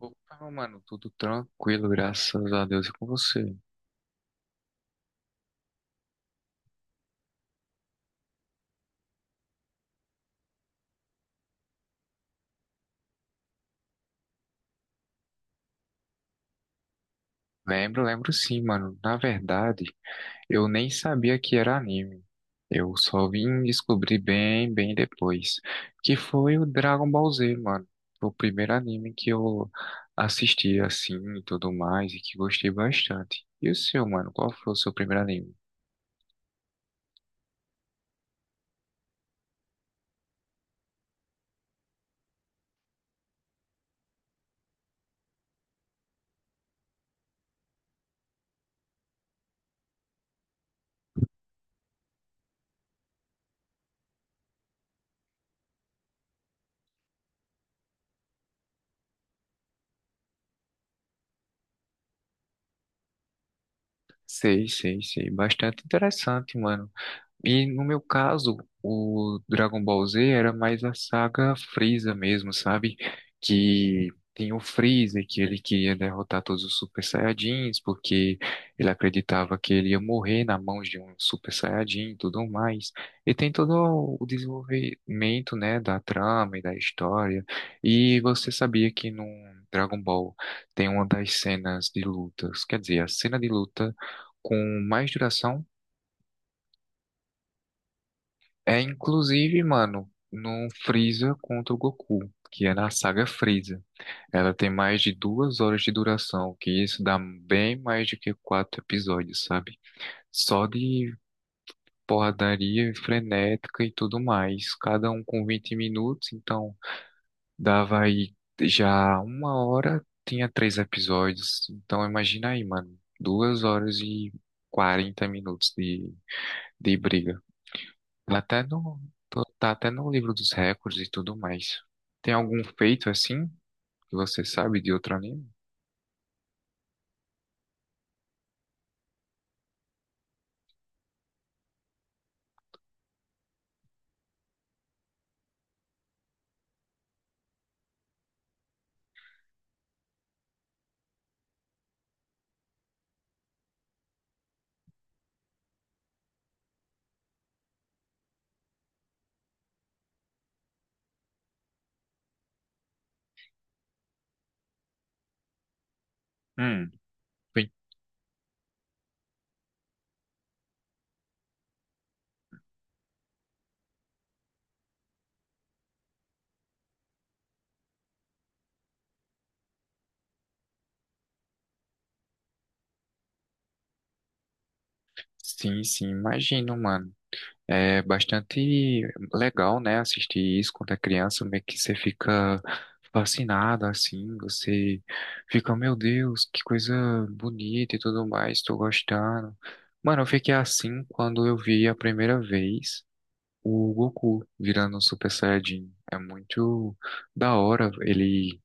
Opa, mano, tudo tranquilo, graças a Deus e com você. Lembro, lembro sim, mano. Na verdade, eu nem sabia que era anime. Eu só vim descobrir bem, bem depois, que foi o Dragon Ball Z, mano. Foi o primeiro anime que eu assisti assim e tudo mais e que gostei bastante. E o seu, mano? Qual foi o seu primeiro anime? Sei, sei, sei. Bastante interessante, mano. E no meu caso, o Dragon Ball Z era mais a saga Freeza mesmo, sabe? Que tem o Freeza, que ele queria derrotar todos os Super Saiyajins, porque ele acreditava que ele ia morrer na mão de um Super Saiyajin e tudo mais. E tem todo o desenvolvimento, né, da trama e da história. E você sabia que no Dragon Ball tem uma das cenas de lutas, quer dizer, a cena de luta com mais duração é inclusive, mano, no Freeza contra o Goku, que é na saga Freeza. Ela tem mais de 2 horas de duração, que isso dá bem mais do que quatro episódios, sabe? Só de porradaria frenética e tudo mais. Cada um com 20 minutos, então dava aí já 1 hora, tinha três episódios. Então imagina aí, mano, 2 horas e 40 minutos de briga. Ela até no, tô- tá até no livro dos recordes e tudo mais. Tem algum feito assim que você sabe de outro anime? Hum, bem, sim, sim, imagino, mano. É bastante legal, né, assistir isso quando é criança, meio que você fica fascinado, assim, você fica, meu Deus, que coisa bonita e tudo mais, tô gostando. Mano, eu fiquei assim quando eu vi a primeira vez. O Goku virando um Super Saiyajin é muito da hora. Ele,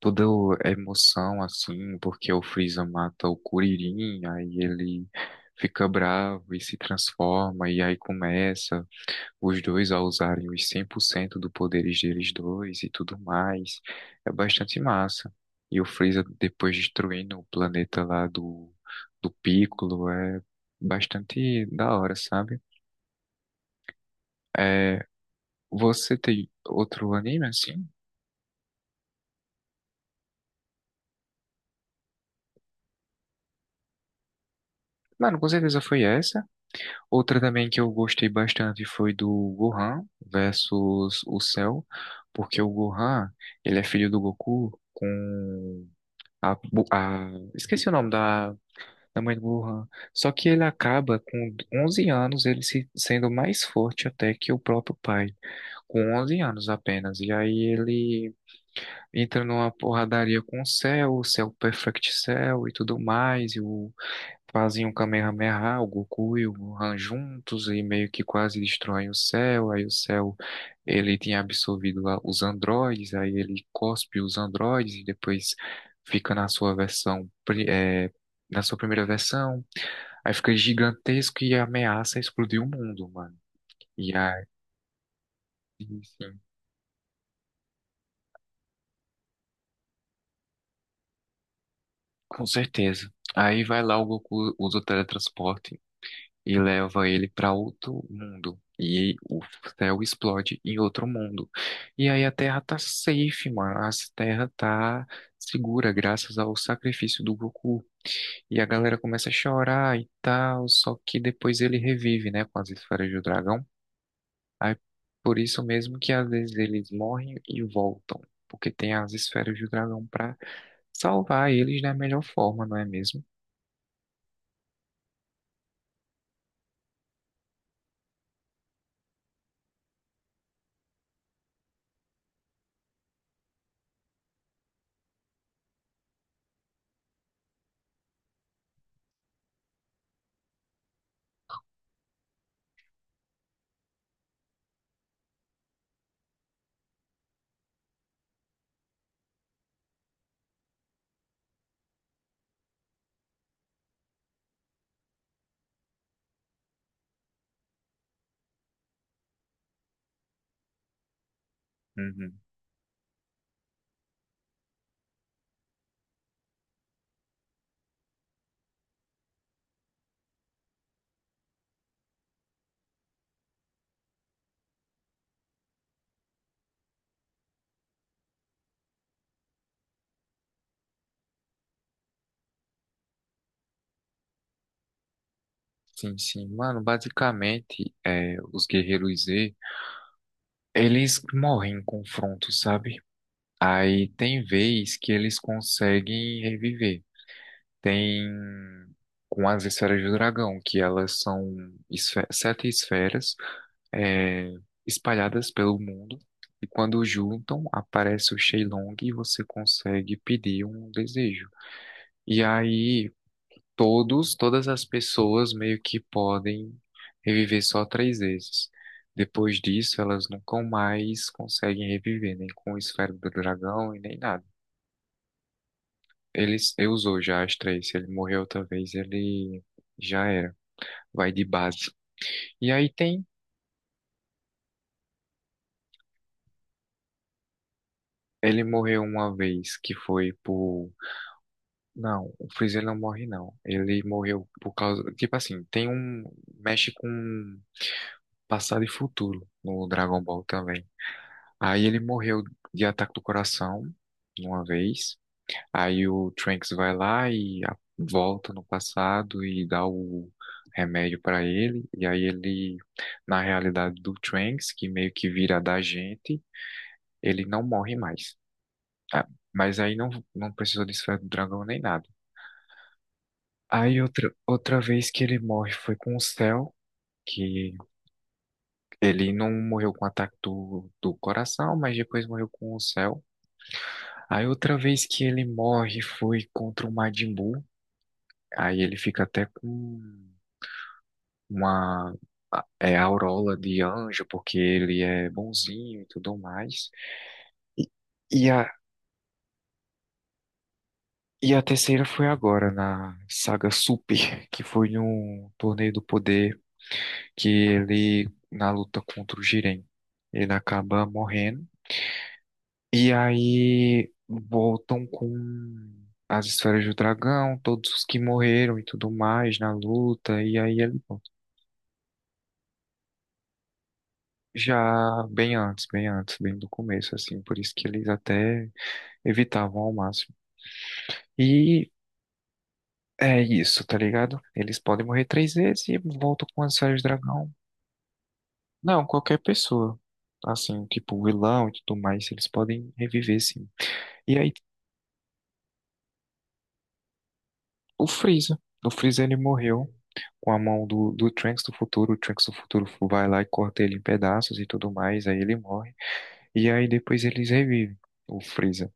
toda a emoção, assim, porque o Freeza mata o Kuririn, aí ele fica bravo e se transforma, e aí começa os dois a usarem os 100% do poderes deles dois e tudo mais. É bastante massa. E o Freeza depois destruindo o planeta lá do Piccolo é bastante da hora, sabe? é Você tem outro anime assim? Mano, com certeza foi essa. Outra também que eu gostei bastante foi do Gohan versus o Cell, porque o Gohan, ele é filho do Goku com esqueci o nome da mãe do Gohan. Só que ele acaba com 11 anos, ele se, sendo mais forte até que o próprio pai, com 11 anos apenas. E aí ele entra numa porradaria com o Cell Perfect Cell e tudo mais, e o fazem um Kamehameha, o Goku e o Gohan juntos e meio que quase destroem o céu. Aí o céu ele tinha absorvido lá os androides, aí ele cospe os androides e depois fica na sua versão, na sua primeira versão. Aí fica gigantesco e ameaça explodir o mundo, mano. E aí, sim, com certeza. Aí vai lá o Goku, usa o teletransporte e leva ele para outro mundo. E o céu explode em outro mundo. E aí a Terra tá safe, mano. A Terra tá segura graças ao sacrifício do Goku. E a galera começa a chorar e tal, só que depois ele revive, né, com as esferas do dragão. Aí por isso mesmo que às vezes eles morrem e voltam, porque tem as esferas do dragão pra salvar eles da melhor forma, não é mesmo? Sim, sim, mano, basicamente, os Guerreiros Z eles morrem em confronto, sabe? Aí tem vez que eles conseguem reviver. Tem com as esferas do dragão, que elas são sete esferas é, espalhadas pelo mundo. E quando juntam, aparece o Shenlong e você consegue pedir um desejo. E aí todas as pessoas meio que podem reviver só três vezes. Depois disso, elas nunca mais conseguem reviver, nem com o esfera do dragão e nem nada. Ele usou já as três. Se ele morreu outra vez, ele já era. Vai de base. E aí tem. Ele morreu uma vez que foi por. Não, o Freezer não morre, não. Ele morreu por causa. Tipo assim, tem um. Mexe com passado e futuro no Dragon Ball também. Aí ele morreu de ataque do coração uma vez. Aí o Trunks vai lá e volta no passado e dá o remédio pra ele. E aí ele, na realidade do Trunks, que meio que vira da gente, ele não morre mais. Ah, mas aí não, não precisou de esfera do dragão nem nada. Aí outra vez que ele morre foi com o Cell, que ele não morreu com ataque do coração, mas depois morreu com o Cell. Aí outra vez que ele morre foi contra o Majin Buu. Aí ele fica até com uma aureola de anjo, porque ele é bonzinho e tudo mais. E, e a, e a terceira foi agora, na saga Super, que foi num torneio do poder que ele, na luta contra o Jiren, ele acaba morrendo. E aí voltam com as esferas do dragão, todos os que morreram e tudo mais na luta. E aí ele volta. Já bem antes, bem antes, bem do começo, assim. Por isso que eles até evitavam ao máximo. E é isso, tá ligado? Eles podem morrer três vezes e voltam com as esferas do dragão. Não, qualquer pessoa. Assim, tipo vilão e tudo mais, eles podem reviver, sim. E aí o Freeza. O Freeza ele morreu com a mão do Trunks do futuro. O Trunks do futuro vai lá e corta ele em pedaços e tudo mais. Aí ele morre. E aí depois eles revivem o Freeza.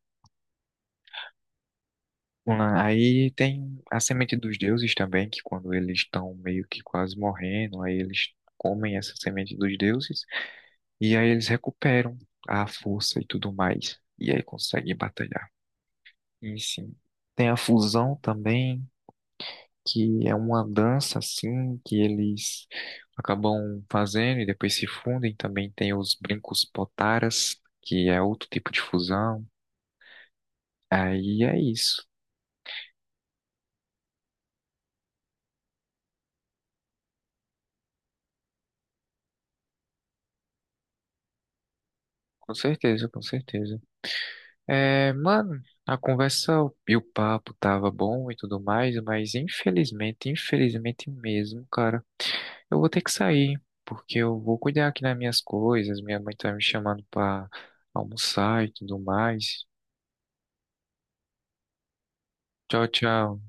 Ah, aí tem a semente dos deuses também, que quando eles estão meio que quase morrendo, aí eles comem essa semente dos deuses. E aí eles recuperam a força e tudo mais. E aí conseguem batalhar. E sim. Tem a fusão também, que é uma dança assim que eles acabam fazendo e depois se fundem. Também tem os brincos potaras, que é outro tipo de fusão. Aí é isso. Com certeza, com certeza. É, mano, a conversa e o papo tava bom e tudo mais, mas infelizmente, infelizmente mesmo, cara, eu vou ter que sair, porque eu vou cuidar aqui das minhas coisas, minha mãe tá me chamando pra almoçar e tudo mais. Tchau, tchau.